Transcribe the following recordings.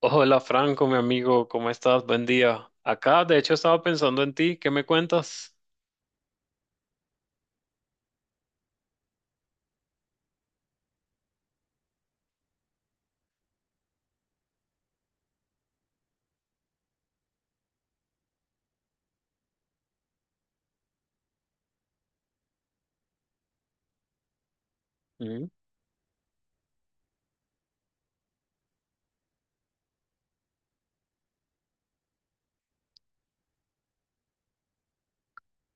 Hola Franco, mi amigo, ¿cómo estás? Buen día. Acá, de hecho, estaba pensando en ti, ¿qué me cuentas? Mm.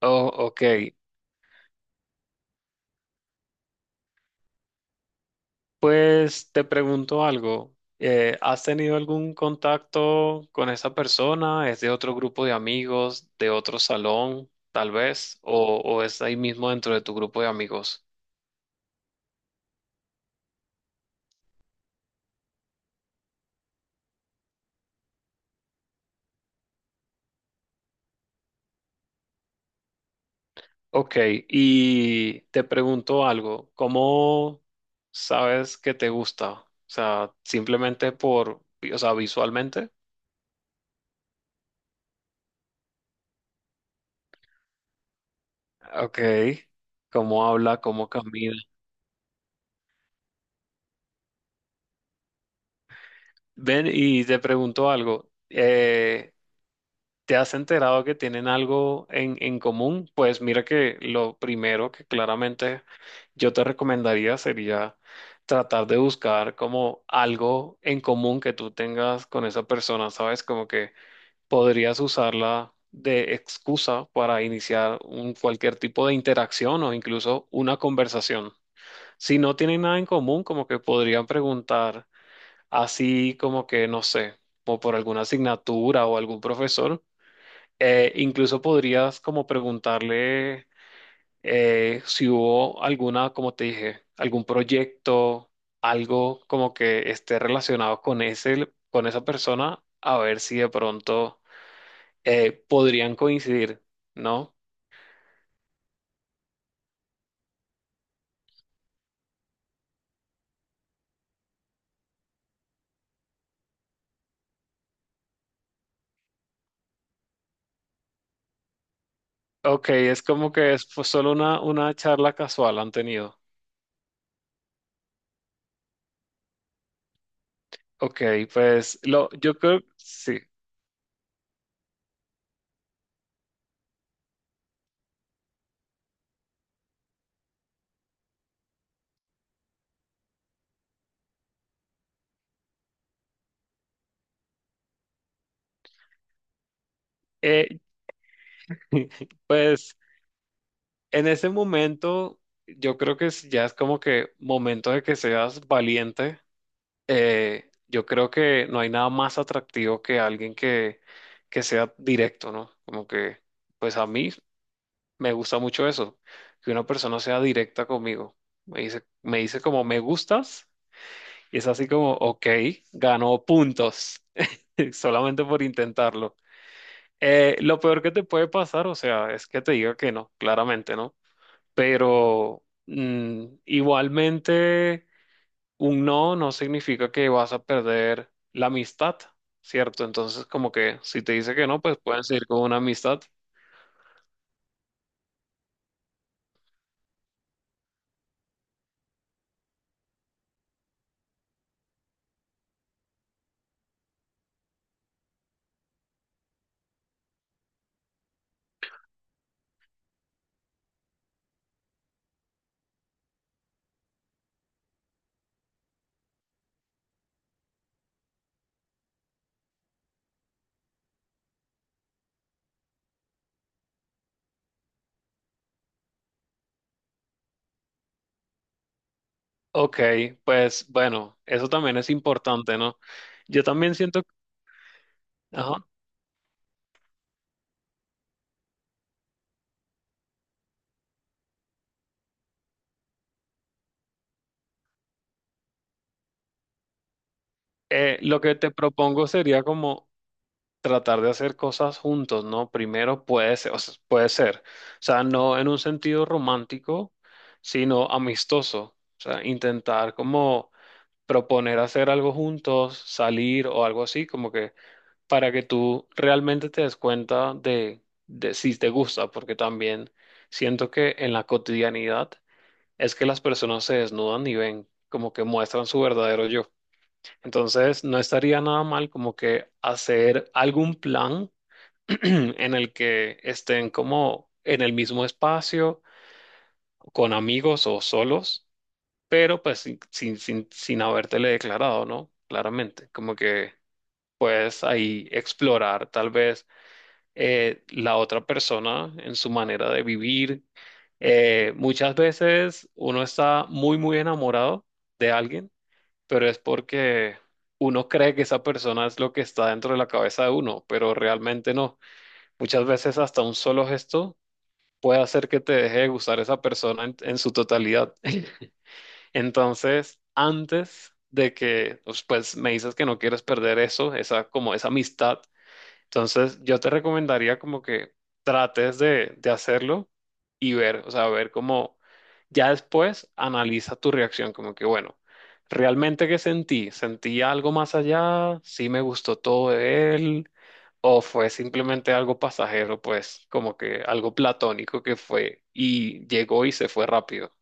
Oh, ok. Pues te pregunto algo. ¿Has tenido algún contacto con esa persona? ¿Es de otro grupo de amigos, de otro salón, tal vez? ¿O es ahí mismo dentro de tu grupo de amigos? Ok, y te pregunto algo. ¿Cómo sabes que te gusta? O sea, simplemente por, o sea, visualmente. Ok, cómo habla, cómo camina. Ven y te pregunto algo. ¿Te has enterado que tienen algo en común? Pues mira que lo primero que claramente yo te recomendaría sería tratar de buscar como algo en común que tú tengas con esa persona, ¿sabes? Como que podrías usarla de excusa para iniciar un, cualquier tipo de interacción o incluso una conversación. Si no tienen nada en común, como que podrían preguntar así como que, no sé, o por alguna asignatura o algún profesor. Incluso podrías como preguntarle si hubo alguna, como te dije, algún proyecto, algo como que esté relacionado con ese, con esa persona, a ver si de pronto podrían coincidir, ¿no? Ok, es como que es pues, solo una charla casual han tenido. Ok, pues lo, yo creo, sí. Eh, pues en ese momento, yo creo que ya es como que momento de que seas valiente. Yo creo que no hay nada más atractivo que alguien que sea directo, ¿no? Como que, pues a mí me gusta mucho eso, que una persona sea directa conmigo. Me dice como me gustas y es así como, ok, ganó puntos solamente por intentarlo. Lo peor que te puede pasar, o sea, es que te diga que no, claramente, ¿no? Pero igualmente, un no no significa que vas a perder la amistad, ¿cierto? Entonces, como que si te dice que no, pues pueden seguir con una amistad. Ok, pues bueno, eso también es importante, ¿no? Yo también siento, ajá, lo que te propongo sería como tratar de hacer cosas juntos, ¿no? Primero puede ser, o sea, puede ser, o sea, no en un sentido romántico, sino amistoso, o sea, intentar como proponer hacer algo juntos, salir o algo así, como que para que tú realmente te des cuenta de si te gusta, porque también siento que en la cotidianidad es que las personas se desnudan y ven, como que muestran su verdadero yo. Entonces, no estaría nada mal como que hacer algún plan en el que estén como en el mismo espacio, con amigos o solos, pero pues sin habértele declarado, ¿no? Claramente, como que puedes ahí explorar tal vez la otra persona en su manera de vivir. Muchas veces uno está muy, muy enamorado de alguien, pero es porque uno cree que esa persona es lo que está dentro de la cabeza de uno, pero realmente no. Muchas veces hasta un solo gesto puede hacer que te deje de gustar esa persona en su totalidad. Entonces, antes de que, pues, pues, me dices que no quieres perder eso, esa, como esa amistad, entonces yo te recomendaría como que trates de hacerlo y ver, o sea, ver cómo, ya después analiza tu reacción, como que, bueno, ¿realmente qué sentí? ¿Sentí algo más allá? ¿Sí me gustó todo de él? O fue simplemente algo pasajero, pues como que algo platónico que fue y llegó y se fue rápido.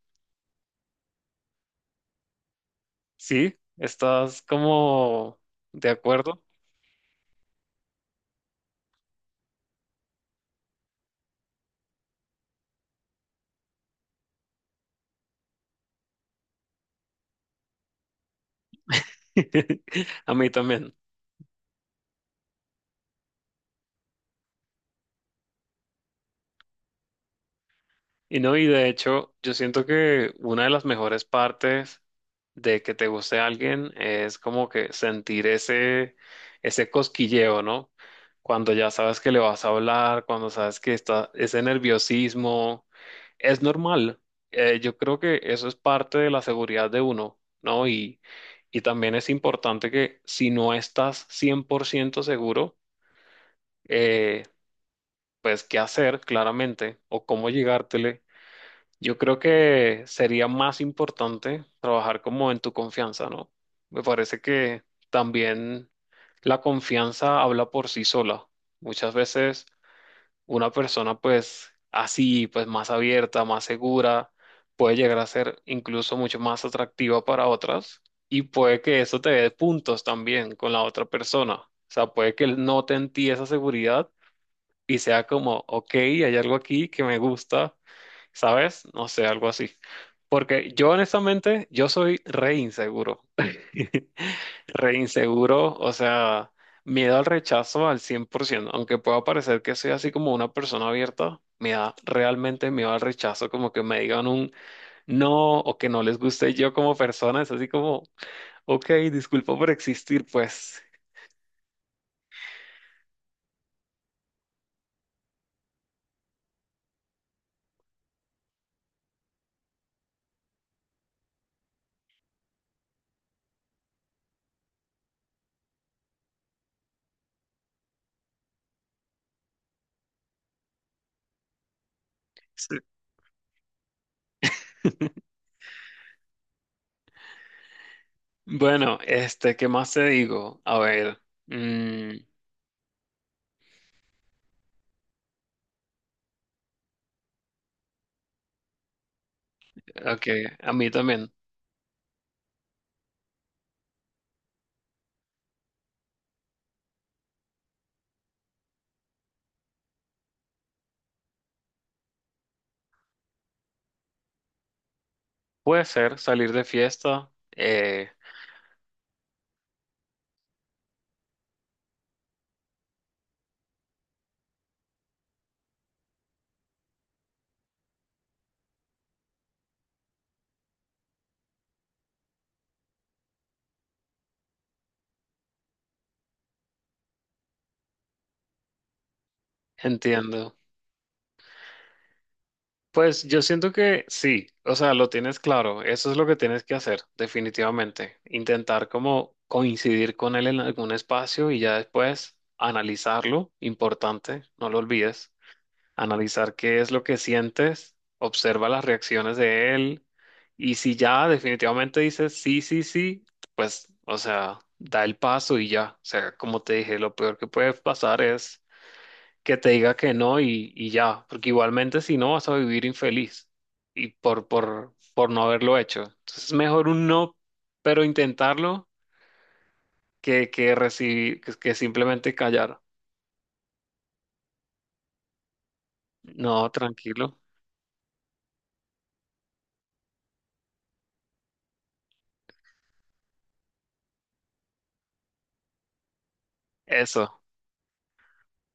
¿Sí? ¿Estás como de acuerdo? A mí también. Y no, y de hecho, yo siento que una de las mejores partes de que te guste alguien es como que sentir ese, ese cosquilleo, ¿no? Cuando ya sabes que le vas a hablar, cuando sabes que está ese nerviosismo, es normal. Yo creo que eso es parte de la seguridad de uno, ¿no? Y también es importante que si no estás 100% seguro, eh, pues qué hacer claramente o cómo llegártele yo creo que sería más importante trabajar como en tu confianza, ¿no? Me parece que también la confianza habla por sí sola. Muchas veces una persona pues así, pues más abierta, más segura, puede llegar a ser incluso mucho más atractiva para otras y puede que eso te dé puntos también con la otra persona. O sea, puede que él note en ti esa seguridad y sea como, ok, hay algo aquí que me gusta, ¿sabes? No sé, algo así. Porque yo honestamente, yo soy re inseguro. Re inseguro, o sea, miedo al rechazo al cien por ciento. Aunque pueda parecer que soy así como una persona abierta, me da realmente miedo al rechazo, como que me digan un no o que no les guste yo como persona. Es así como, ok, disculpa por existir, pues. Bueno, este, ¿qué más te digo? A ver, mm, ok, a mí también. Puede ser salir de fiesta, entiendo. Pues yo siento que sí, o sea, lo tienes claro, eso es lo que tienes que hacer, definitivamente. Intentar como coincidir con él en algún espacio y ya después analizarlo, importante, no lo olvides. Analizar qué es lo que sientes, observa las reacciones de él y si ya definitivamente dices sí, sí, sí, pues, o sea, da el paso y ya. O sea, como te dije, lo peor que puede pasar es que te diga que no y, y ya, porque igualmente si no vas a vivir infeliz y por no haberlo hecho. Entonces es mejor un no, pero intentarlo que recibir, que simplemente callar. No, tranquilo. Eso.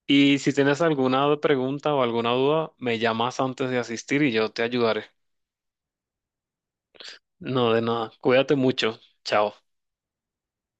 Y si tienes alguna pregunta o alguna duda, me llamas antes de asistir y yo te ayudaré. No, de nada. Cuídate mucho. Chao.